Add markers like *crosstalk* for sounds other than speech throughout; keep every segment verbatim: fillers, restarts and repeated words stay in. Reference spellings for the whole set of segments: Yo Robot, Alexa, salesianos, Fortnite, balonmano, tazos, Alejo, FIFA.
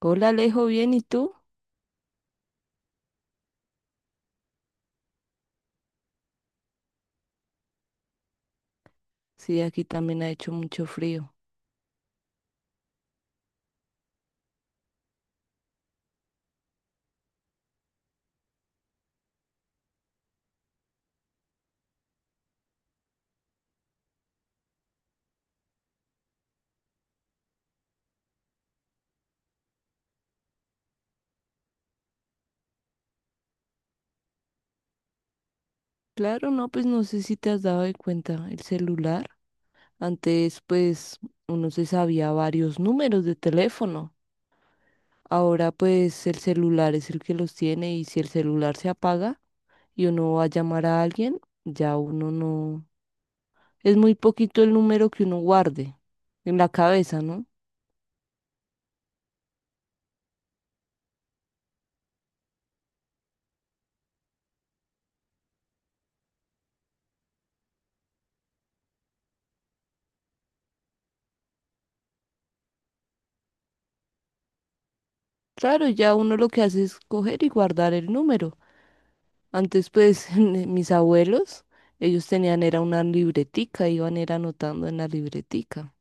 Hola Alejo, bien, ¿y tú? Sí, aquí también ha hecho mucho frío. Claro, no, pues no sé si te has dado de cuenta el celular. Antes, pues, uno se sabía varios números de teléfono. Ahora, pues, el celular es el que los tiene y si el celular se apaga y uno va a llamar a alguien, ya uno no... Es muy poquito el número que uno guarde en la cabeza, ¿no? Claro, ya uno lo que hace es coger y guardar el número. Antes, pues, *laughs* mis abuelos, ellos tenían, era una libretica, iban era anotando en la libretica.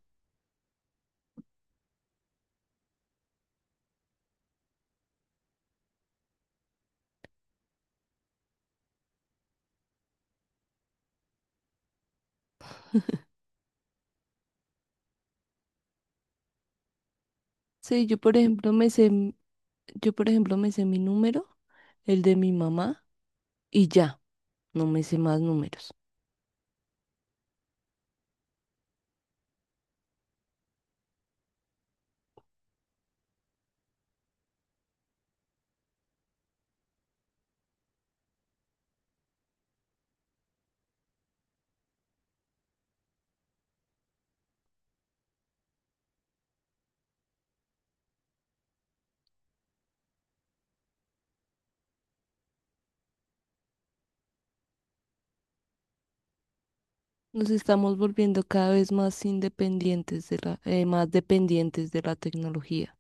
Sí, yo por ejemplo me sé, m- yo por ejemplo me sé mi número, el de mi mamá, y ya, no me sé más números. Nos estamos volviendo cada vez más independientes de la, eh, más dependientes de la tecnología.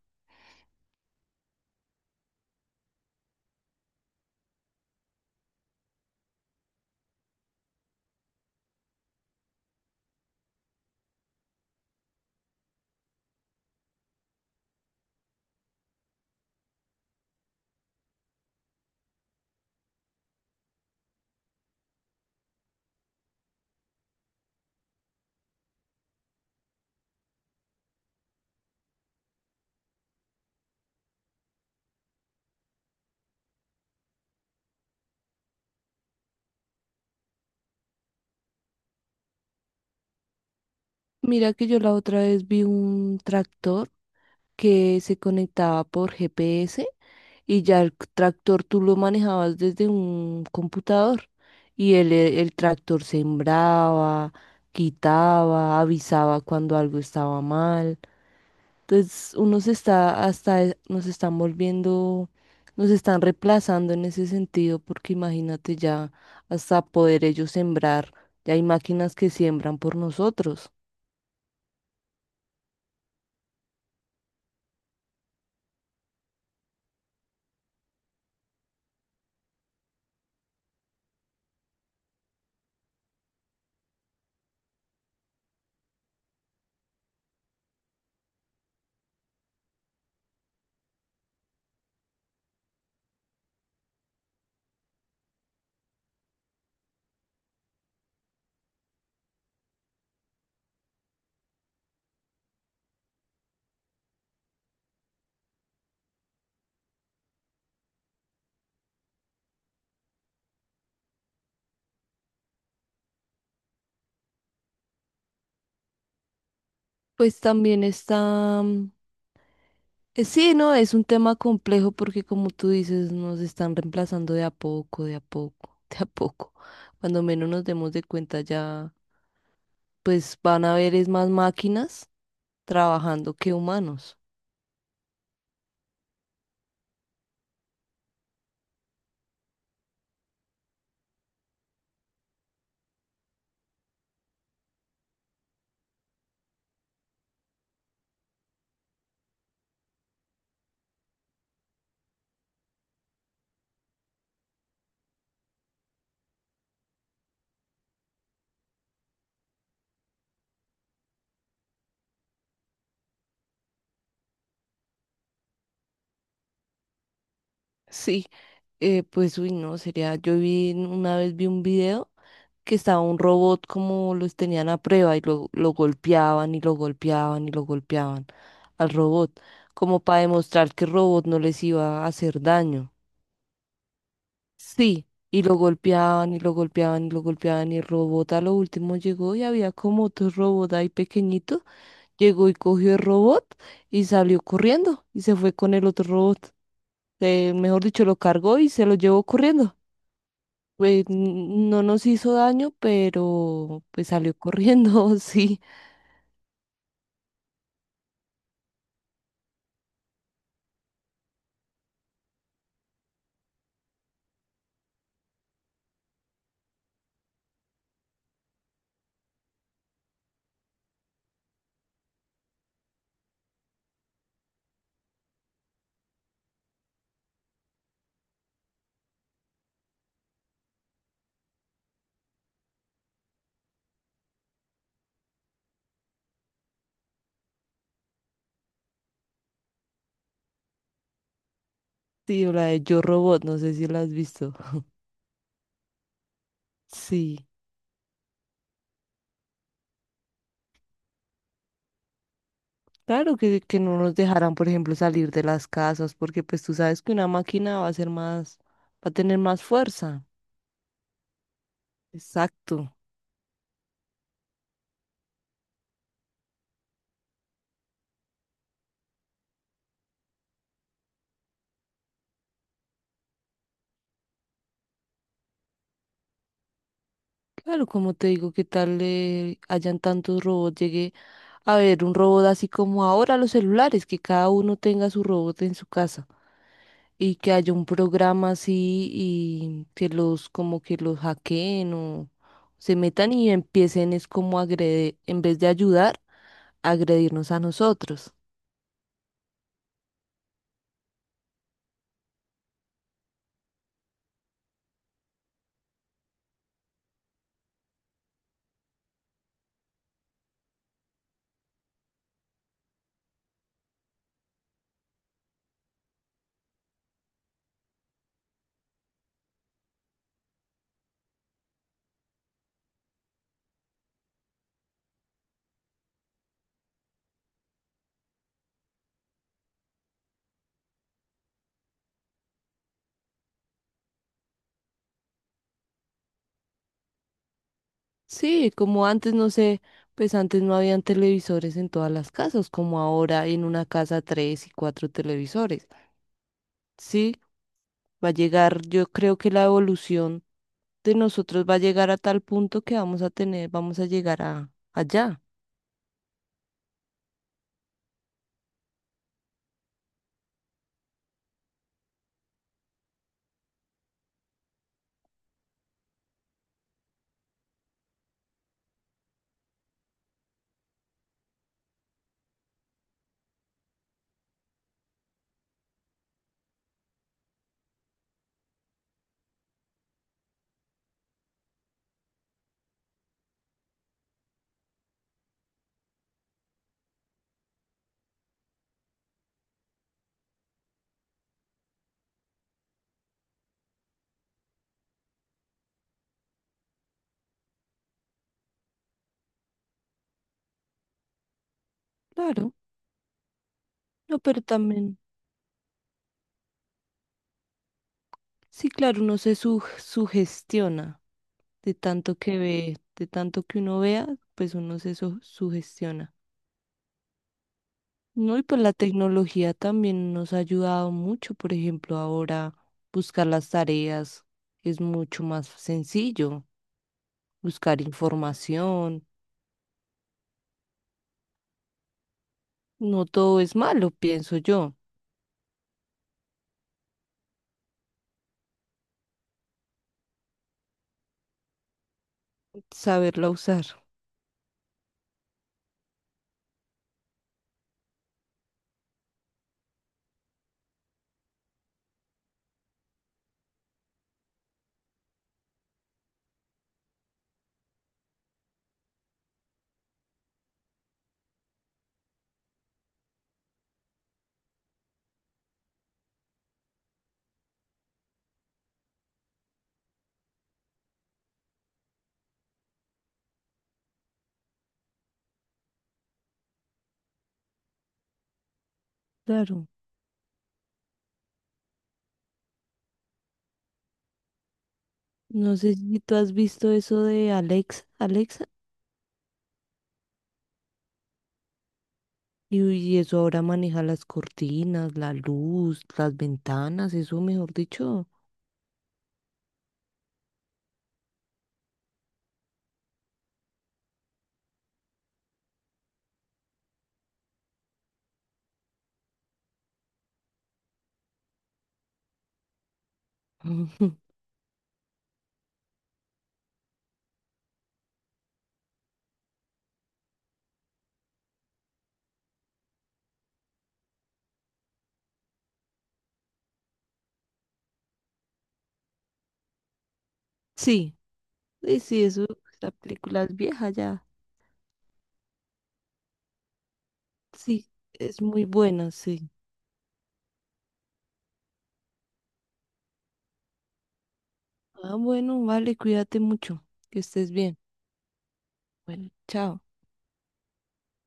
Mira que yo la otra vez vi un tractor que se conectaba por G P S y ya el tractor tú lo manejabas desde un computador y el, e, el tractor sembraba, quitaba, avisaba cuando algo estaba mal. Entonces uno se está hasta e- nos están volviendo, nos están reemplazando en ese sentido porque imagínate ya hasta poder ellos sembrar, ya hay máquinas que siembran por nosotros. Pues también está, mm, eh, sí, no, es un tema complejo porque como tú dices, nos están reemplazando de a poco, de a poco, *laughs* de a poco. Cuando menos nos demos de cuenta ya, pues van a haber es más máquinas trabajando que humanos. Sí, eh, pues uy, no, sería, yo vi, en- una vez vi un video que estaba un robot como los tenían a prueba y lo, lo golpeaban y lo golpeaban y lo golpeaban al robot, como para demostrar que el robot no les iba a hacer daño. Sí, y lo golpeaban y lo golpeaban y lo golpeaban y el robot a lo último llegó y había como otro robot ahí pequeñito, llegó y cogió el robot y salió corriendo y se fue con el otro robot. Eh, mejor dicho, lo cargó y se lo llevó corriendo. Pues n- no nos hizo daño, pero pues salió corriendo, *laughs* sí. Sí, la de Yo Robot, no sé si la has visto. Sí. Claro que, que no nos dejarán, por ejemplo, salir de las casas, porque pues tú sabes que una máquina va a ser más, va a tener más fuerza. Exacto. Claro, como te digo, que tal eh, hayan tantos robots, llegue a ver un robot así como ahora los celulares, que cada uno tenga su robot en su casa y que haya un programa así y que los como que los hackeen o se metan y empiecen es como a agredir, en vez de ayudar, a agredirnos a nosotros. Sí, como antes, no sé, pues antes no habían televisores en todas las casas, como ahora hay en una casa tres y cuatro televisores. Sí, va a llegar, yo creo que la evolución de nosotros va a llegar a tal punto que vamos a tener, vamos a llegar a allá. Claro, no, pero también, sí, claro, uno se su- sugestiona de tanto que ve, de tanto que uno vea, pues uno se su- sugestiona. No, y pues la tecnología también nos ha ayudado mucho, por ejemplo, ahora buscar las tareas es mucho más sencillo, buscar información, no todo es malo, pienso yo, saberla usar. Claro, no sé si tú has visto eso de Alexa, Alexa, y, y eso ahora maneja las cortinas, la luz, las ventanas, eso mejor dicho. *laughs* Sí, sí, sí, eso, la película es vieja ya, sí, es muy buena, sí. Ah, bueno, vale, cuídate mucho, que estés bien. Bueno, chao.